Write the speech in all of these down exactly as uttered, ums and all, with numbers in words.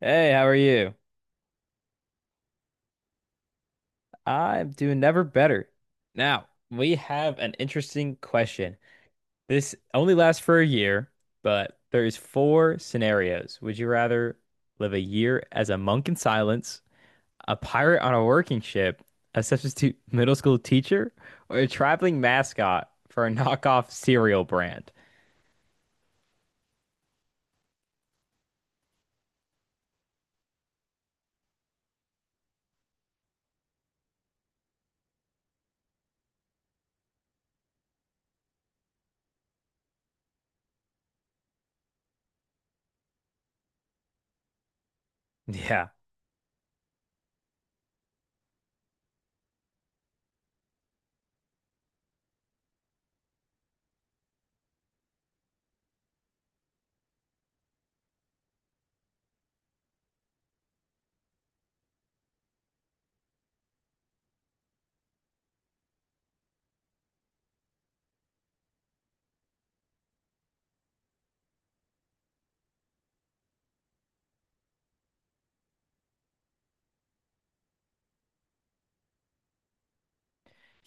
Hey, how are you? I'm doing never better. Now, we have an interesting question. This only lasts for a year, but there's four scenarios. Would you rather live a year as a monk in silence, a pirate on a working ship, a substitute middle school teacher, or a traveling mascot for a knockoff cereal brand? Yeah.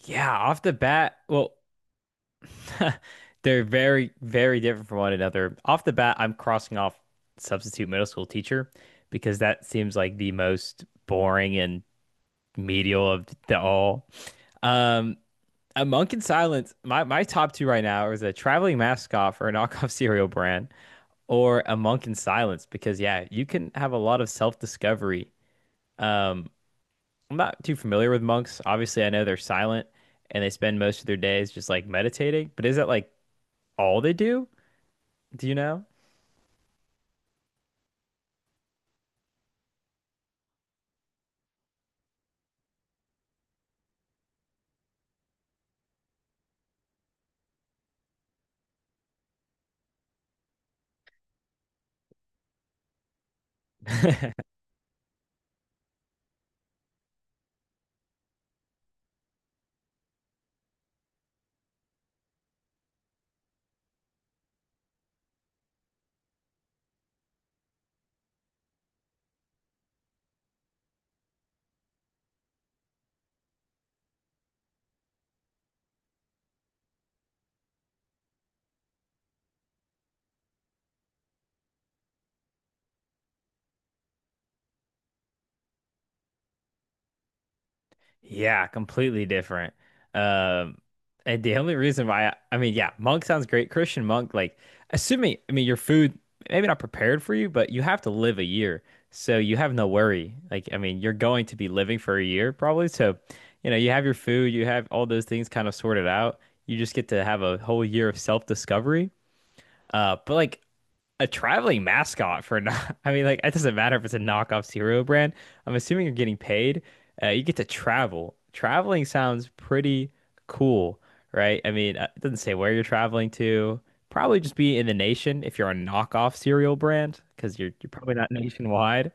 Yeah, off the bat, well, they're very, very different from one another. Off the bat, I'm crossing off substitute middle school teacher because that seems like the most boring and medial of the all. Um, a monk in silence. My my top two right now is a traveling mascot for a knockoff cereal brand or a monk in silence because yeah, you can have a lot of self discovery. Um, I'm not too familiar with monks. Obviously, I know they're silent and they spend most of their days just like meditating. But is that like all they do? Do you know? Yeah, completely different. Um, and the only reason why I, I mean, yeah, monk sounds great. Christian monk, like assuming, I mean, your food maybe not prepared for you, but you have to live a year, so you have no worry. Like, I mean, you're going to be living for a year probably, so you know, you have your food, you have all those things kind of sorted out. You just get to have a whole year of self-discovery. Uh, but like a traveling mascot for not, I mean, like, it doesn't matter if it's a knockoff cereal brand. I'm assuming you're getting paid. Uh, you get to travel. Traveling sounds pretty cool, right? I mean, uh, it doesn't say where you're traveling to. Probably just be in the nation if you're a knockoff cereal brand, because you're you're probably not nationwide.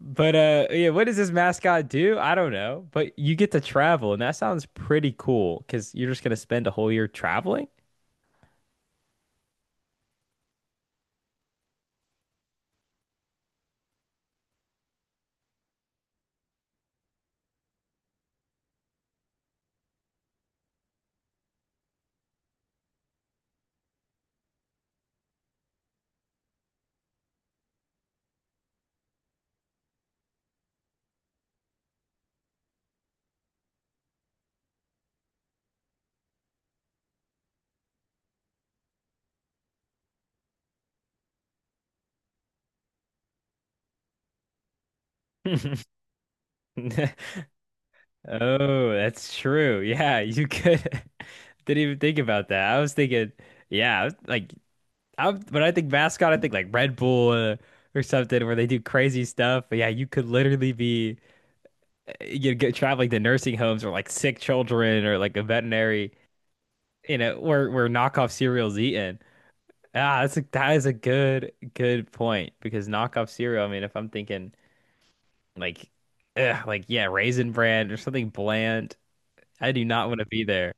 But uh, yeah, what does this mascot do? I don't know. But you get to travel, and that sounds pretty cool because you're just gonna spend a whole year traveling. Oh, that's true. Yeah, you could. Didn't even think about that. I was thinking, yeah, like I, when I think mascot, I think like Red Bull uh, or something where they do crazy stuff. But yeah, you could literally be uh, you get traveling to nursing homes or like sick children or like a veterinary, you know, where where knockoff cereal's eaten. Ah, that's a, that is a good good point because knockoff cereal. I mean, if I'm thinking like, ugh, like yeah, Raisin Bran or something bland, I do not want to be there.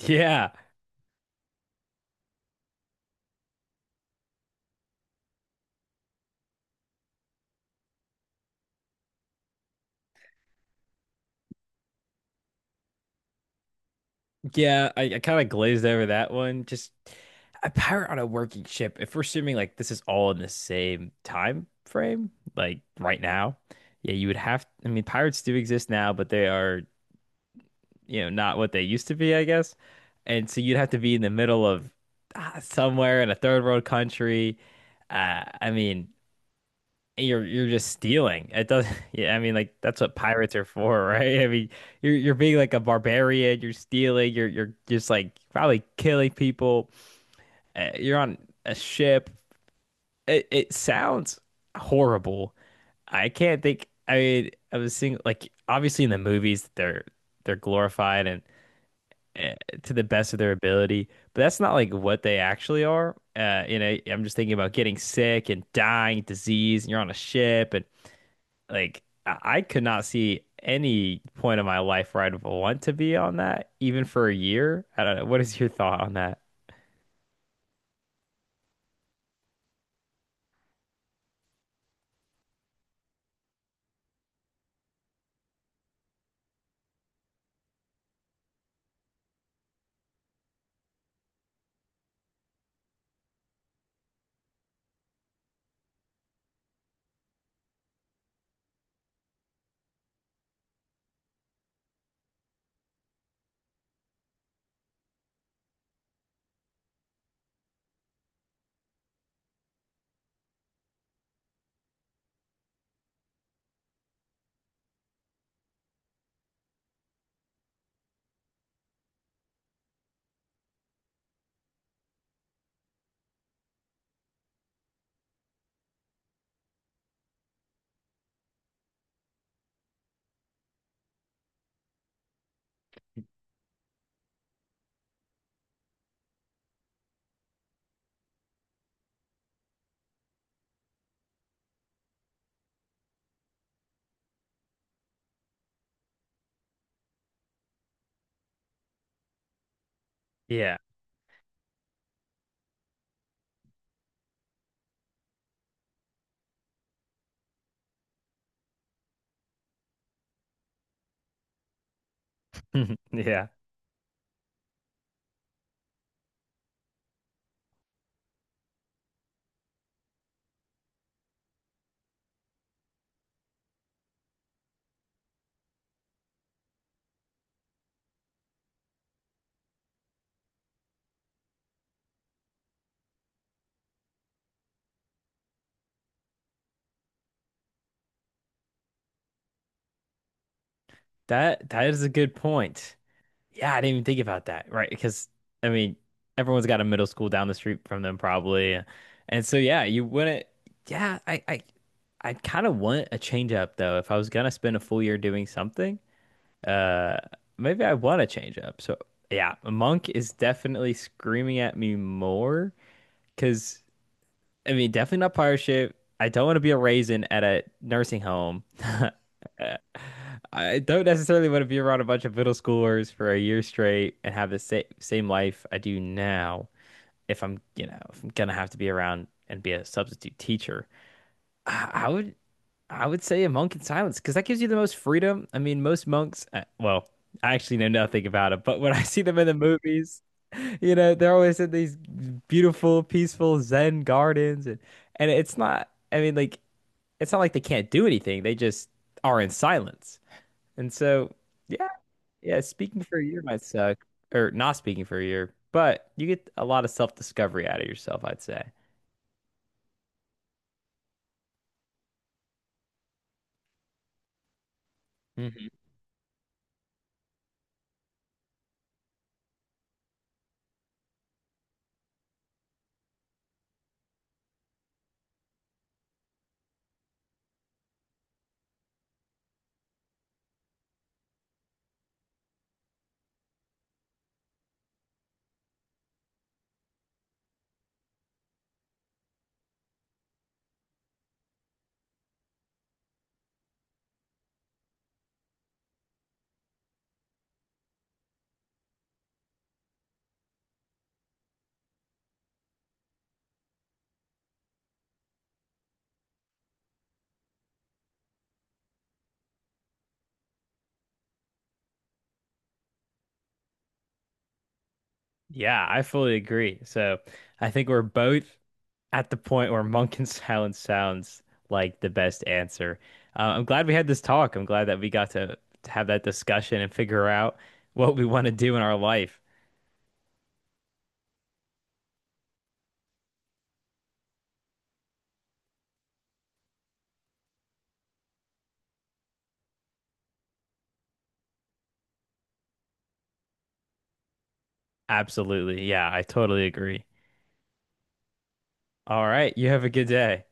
Yeah, yeah, I, I kind of glazed over that one. Just a pirate on a working ship. If we're assuming like this is all in the same time frame, like right now, yeah, you would have. I mean, pirates do exist now, but they are, you know, not what they used to be, I guess. And so you'd have to be in the middle of ah, somewhere in a third world country. Uh, I mean, you're you're just stealing. It does yeah, I mean like that's what pirates are for, right? I mean you're you're being like a barbarian, you're stealing, you're you're just like probably killing people. Uh, You're on a ship. It it sounds horrible. I can't think I mean I was seeing like obviously in the movies they're they're glorified and uh, to the best of their ability, but that's not like what they actually are. Uh, you know, I'm just thinking about getting sick and dying, disease, and you're on a ship and like I I could not see any point in my life where I'd want to be on that, even for a year. I don't know. What is your thought on that? Yeah. Yeah. That that is a good point. Yeah, I didn't even think about that, right? Because I mean, everyone's got a middle school down the street from them probably. And so yeah, you wouldn't yeah, I I I kind of want a change up though. If I was gonna spend a full year doing something, Uh, maybe I want to change up. So yeah, Monk is definitely screaming at me more because I mean, definitely not pirate ship. I don't want to be a raisin at a nursing home. I don't necessarily want to be around a bunch of middle schoolers for a year straight and have the same same life I do now. If I'm, you know, if I'm gonna have to be around and be a substitute teacher, I I would I would say a monk in silence because that gives you the most freedom. I mean, most monks, uh, well, I actually know nothing about it, but when I see them in the movies, you know, they're always in these beautiful, peaceful Zen gardens, and and it's not. I mean, like it's not like they can't do anything; they just are in silence. And so, yeah, yeah, speaking for a year might suck, or not speaking for a year, but you get a lot of self-discovery out of yourself, I'd say. Hmm. Yeah, I fully agree. So I think we're both at the point where Monk and Silence sounds like the best answer. Uh, I'm glad we had this talk. I'm glad that we got to, to have that discussion and figure out what we want to do in our life. Absolutely. Yeah, I totally agree. All right. You have a good day.